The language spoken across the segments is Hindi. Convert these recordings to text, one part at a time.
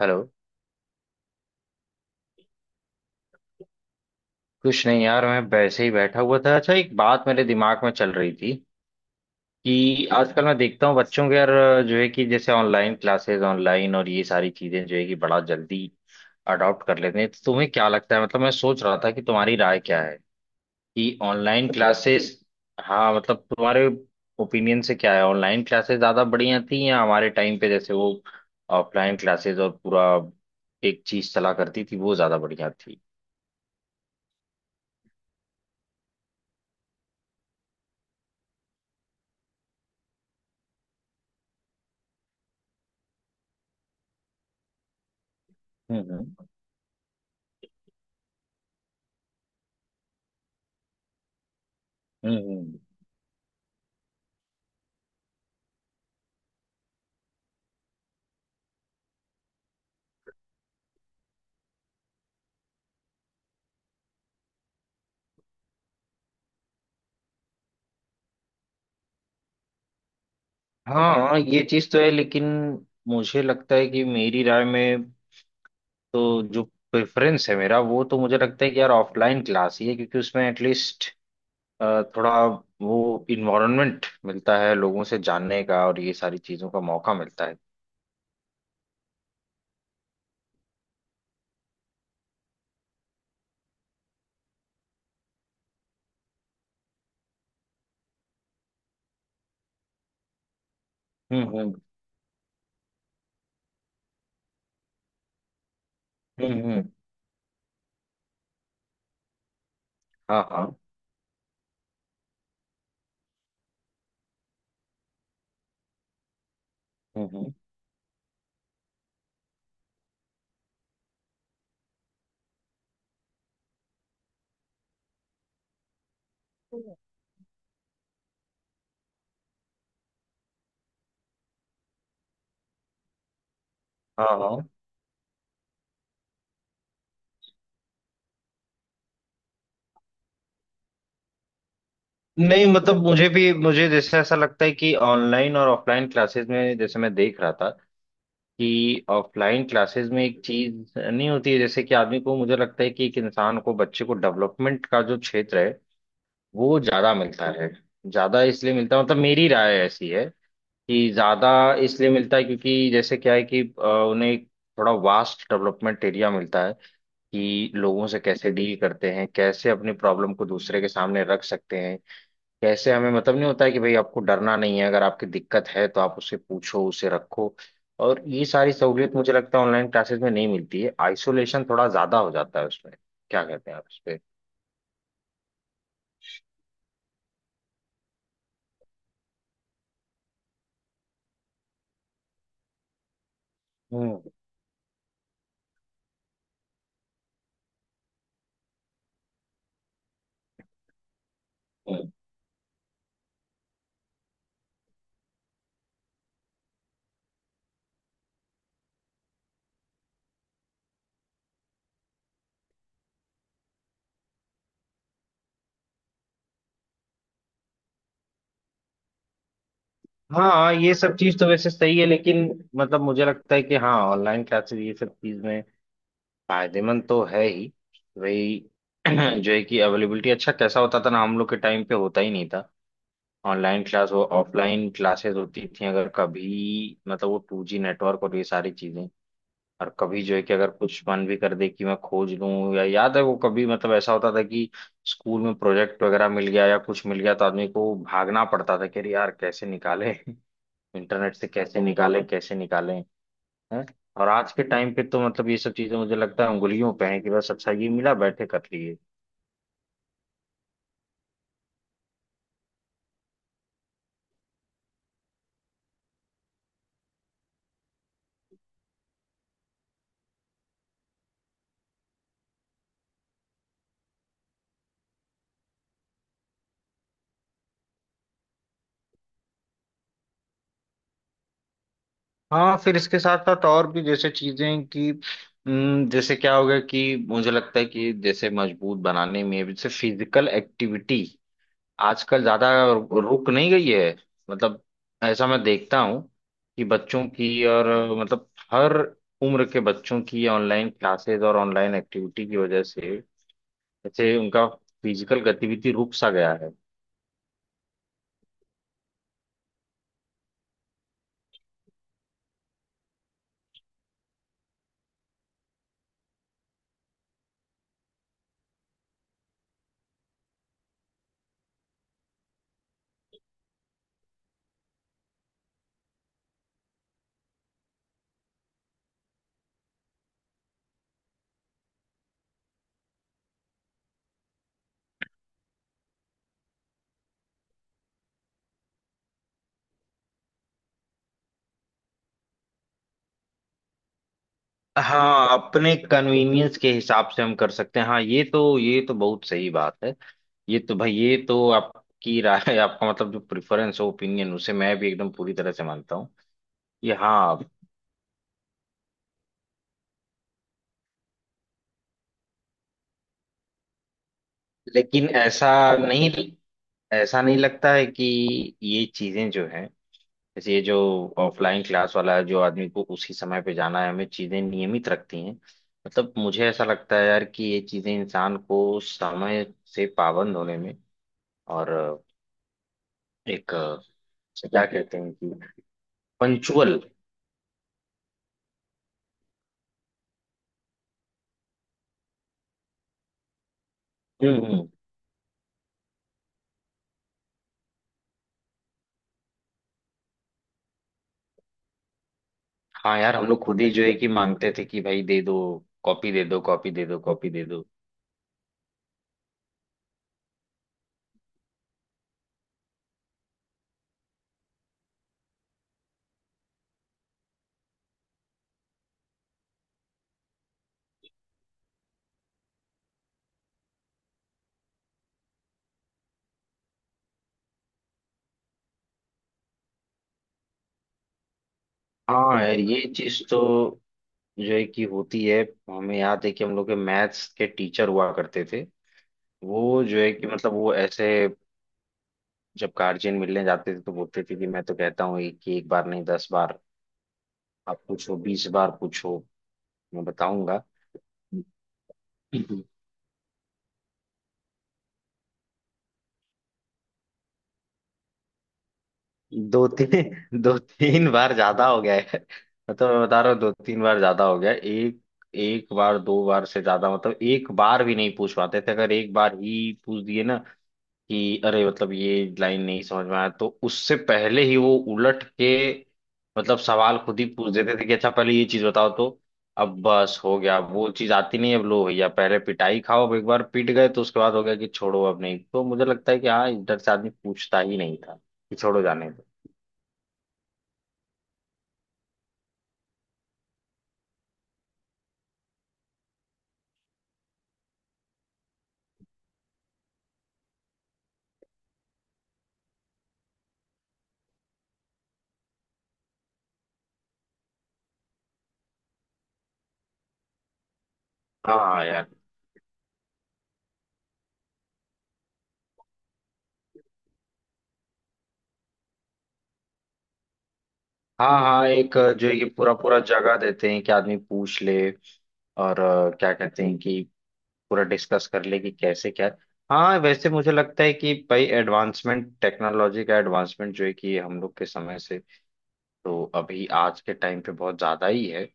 हेलो। कुछ नहीं यार, मैं वैसे ही बैठा हुआ था। अच्छा, एक बात मेरे दिमाग में चल रही थी कि आजकल मैं देखता हूँ बच्चों के, यार जो है कि जैसे ऑनलाइन क्लासेस ऑनलाइन और ये सारी चीजें जो है कि बड़ा जल्दी अडॉप्ट कर लेते हैं। तो तुम्हें क्या लगता है, मतलब मैं सोच रहा था कि तुम्हारी राय क्या है कि ऑनलाइन क्लासेस। हाँ, मतलब तुम्हारे ओपिनियन से क्या है, ऑनलाइन क्लासेस ज्यादा बढ़िया थी या हमारे टाइम पे जैसे वो ऑफलाइन क्लासेस और पूरा एक चीज चला करती थी वो ज्यादा बढ़िया थी। हम्म। हम्म हम्म। हाँ, ये चीज तो है लेकिन मुझे लगता है कि मेरी राय में तो जो प्रेफरेंस है मेरा वो तो मुझे लगता है कि यार ऑफलाइन क्लास ही है, क्योंकि उसमें एटलीस्ट थोड़ा वो इन्वायरमेंट मिलता है लोगों से जानने का, और ये सारी चीजों का मौका मिलता है। हम्म। हम्म। हाँ हाँ। हम्म हम्म। हाँ हाँ। नहीं, मतलब मुझे भी मुझे जैसे ऐसा लगता है कि ऑनलाइन और ऑफलाइन क्लासेस में, जैसे मैं देख रहा था कि ऑफलाइन क्लासेस में एक चीज नहीं होती है, जैसे कि आदमी को, मुझे लगता है कि एक इंसान को, बच्चे को डेवलपमेंट का जो क्षेत्र है वो ज्यादा मिलता है। ज्यादा इसलिए मिलता है, मतलब मेरी राय ऐसी है कि ज्यादा इसलिए मिलता है क्योंकि जैसे क्या है कि उन्हें एक थोड़ा वास्ट डेवलपमेंट एरिया मिलता है कि लोगों से कैसे डील करते हैं, कैसे अपनी प्रॉब्लम को दूसरे के सामने रख सकते हैं, कैसे हमें, मतलब नहीं होता है कि भाई आपको डरना नहीं है, अगर आपकी दिक्कत है तो आप उसे पूछो, उसे रखो। और ये सारी सहूलियत मुझे लगता है ऑनलाइन क्लासेस में नहीं मिलती है, आइसोलेशन थोड़ा ज्यादा हो जाता है उसमें। क्या कहते हैं आप इस पे? हम्म। हाँ, ये सब चीज तो वैसे सही है लेकिन मतलब मुझे लगता है कि हाँ, ऑनलाइन क्लासेस ये सब चीज में फायदेमंद तो है ही, भाई। जो है कि अवेलेबिलिटी अच्छा कैसा होता था ना, हम लोग के टाइम पे होता ही नहीं था। ऑनलाइन क्लास हो, ऑफलाइन क्लासेस होती थी अगर कभी, मतलब वो टू जी नेटवर्क और ये सारी चीजें। और कभी जो है कि अगर कुछ मन भी कर दे कि मैं खोज लूं, या याद है वो कभी, मतलब ऐसा होता था कि स्कूल में प्रोजेक्ट वगैरह मिल गया या कुछ मिल गया तो आदमी को भागना पड़ता था कि अरे यार कैसे निकाले इंटरनेट से, कैसे निकाले, कैसे निकाले हैं। और आज के टाइम पे तो मतलब ये सब चीजें मुझे लगता है उंगलियों पे है कि बस अच्छा ये मिला, बैठे कर लिए। हाँ, फिर इसके साथ साथ और भी जैसे चीजें कि जैसे क्या होगा कि मुझे लगता है कि जैसे मजबूत बनाने में जैसे फिजिकल एक्टिविटी आजकल ज्यादा रुक नहीं गई है, मतलब ऐसा मैं देखता हूँ कि बच्चों की और मतलब हर उम्र के बच्चों की ऑनलाइन क्लासेस और ऑनलाइन एक्टिविटी की वजह से जैसे उनका फिजिकल गतिविधि रुक सा गया है। हाँ, अपने कन्वीनियंस के हिसाब से हम कर सकते हैं, हाँ, ये तो बहुत सही बात है। ये तो भाई, ये तो आपकी राय है, आपका मतलब जो प्रेफरेंस हो, ओपिनियन, उसे मैं भी एकदम पूरी तरह से मानता हूँ। ये हाँ। लेकिन नहीं ऐसा नहीं लगता है कि ये चीजें जो हैं, जैसे ये जो ऑफलाइन क्लास वाला है, जो आदमी को उसी समय पे जाना है, हमें चीजें नियमित रखती हैं। मतलब मुझे ऐसा लगता है यार कि ये चीजें इंसान को समय से पाबंद होने में और एक से क्या कहते हैं कि पंचुअल। हम्म हम्म। हाँ यार, हम लोग खुद ही जो है कि मांगते थे कि भाई दे दो, कॉपी दे दो, कॉपी दे दो, कॉपी दे दो। हाँ यार, ये चीज तो जो है कि होती है, हमें याद है कि हम लोग के मैथ्स के टीचर हुआ करते थे। वो जो है कि मतलब वो ऐसे जब गार्जियन मिलने जाते थे तो बोलते थे कि मैं तो कहता हूँ एक कि, एक बार नहीं दस बार आप पूछो, बीस बार पूछो, मैं बताऊंगा। दो तीन दो तीन बार ज्यादा हो गया है, मतलब मैं बता रहा हूँ दो तीन बार ज्यादा हो गया है। एक एक बार दो बार से ज्यादा, मतलब एक बार भी नहीं पूछ पाते थे। अगर एक बार ही पूछ दिए ना कि अरे मतलब ये लाइन नहीं समझ में आया, तो उससे पहले ही वो उलट के मतलब सवाल खुद ही पूछ देते थे कि अच्छा पहले ये चीज बताओ तो। अब बस हो गया, अब वो चीज आती नहीं है, अब लो भैया पहले पिटाई खाओ, अब एक बार पिट गए तो उसके बाद हो गया कि छोड़ो, अब नहीं। तो मुझे लगता है कि हाँ, इधर से आदमी पूछता ही नहीं था कि छोड़ो, जाने दो। हाँ यार। हाँ हाँ, एक जो ये पूरा पूरा जगह देते हैं कि आदमी पूछ ले और क्या कहते हैं कि पूरा डिस्कस कर ले कि कैसे क्या। हाँ वैसे मुझे लगता है कि भाई, एडवांसमेंट, टेक्नोलॉजी का एडवांसमेंट जो है कि हम लोग के समय से तो अभी आज के टाइम पे बहुत ज्यादा ही है।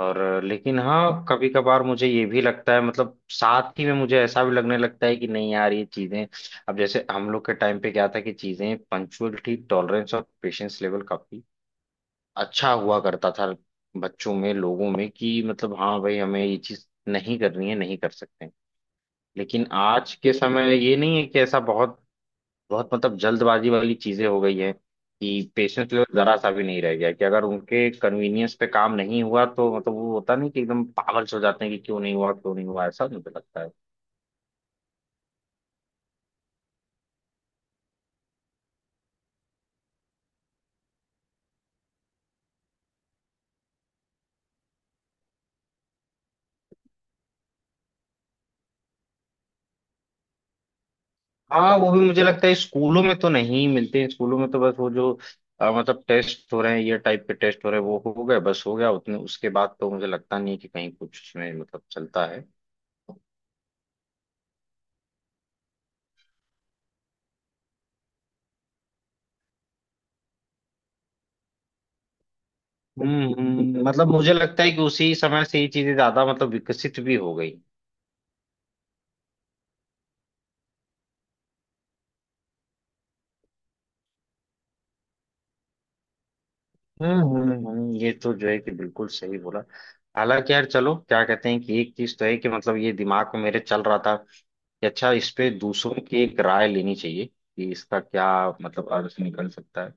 और लेकिन हाँ कभी कभार मुझे ये भी लगता है, मतलब साथ ही में मुझे ऐसा भी लगने लगता है कि नहीं यार, ये चीजें अब जैसे हम लोग के टाइम पे क्या था कि चीजें, पंक्चुअलिटी, टॉलरेंस और पेशेंस लेवल काफी अच्छा हुआ करता था बच्चों में, लोगों में, कि मतलब हाँ भाई, हमें ये चीज नहीं करनी है, नहीं कर सकते। लेकिन आज के समय ये नहीं है कि ऐसा, बहुत बहुत मतलब जल्दबाजी वाली चीजें हो गई है कि पेशेंस लेवल जरा सा भी नहीं रह गया, कि अगर उनके कन्वीनियंस पे काम नहीं हुआ तो मतलब वो होता नहीं, कि एकदम पागल से हो जाते हैं कि क्यों नहीं हुआ, क्यों नहीं हुआ, ऐसा मुझे लगता है। हाँ वो भी मुझे लगता है स्कूलों में तो नहीं मिलते हैं, स्कूलों में तो बस वो जो मतलब टेस्ट हो रहे हैं, ये टाइप के टेस्ट हो रहे हैं वो हो गए, बस हो गया उतने, उसके बाद तो मुझे लगता नहीं है कि कहीं कुछ उसमें मतलब चलता है। मतलब मुझे लगता है कि उसी समय से ये चीजें ज्यादा मतलब विकसित भी हो गई। ये तो जो है कि बिल्कुल सही बोला। हालांकि यार चलो क्या कहते हैं कि एक चीज तो है कि मतलब ये दिमाग में मेरे चल रहा था कि अच्छा, इस पे दूसरों की एक राय लेनी चाहिए कि इसका क्या मतलब अर्थ निकल सकता है।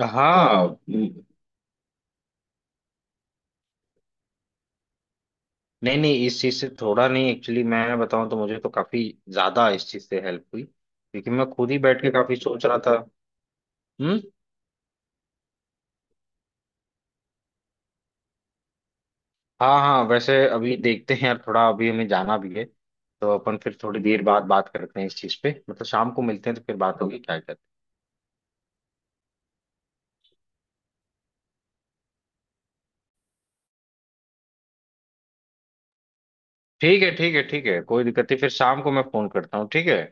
हाँ हम्म। नहीं नहीं, इस चीज से थोड़ा नहीं एक्चुअली, मैं बताऊं तो मुझे तो काफी ज्यादा इस चीज से हेल्प हुई क्योंकि मैं खुद ही बैठ के काफी सोच रहा था। हम्म। हाँ हाँ, वैसे अभी देखते हैं यार, थोड़ा अभी हमें जाना भी है तो अपन फिर थोड़ी देर बाद बात करते हैं इस चीज पे, मतलब शाम को मिलते हैं तो फिर बात होगी, क्या कहते हैं। ठीक है ठीक है, ठीक है कोई दिक्कत नहीं, फिर शाम को मैं फोन करता हूँ, ठीक है।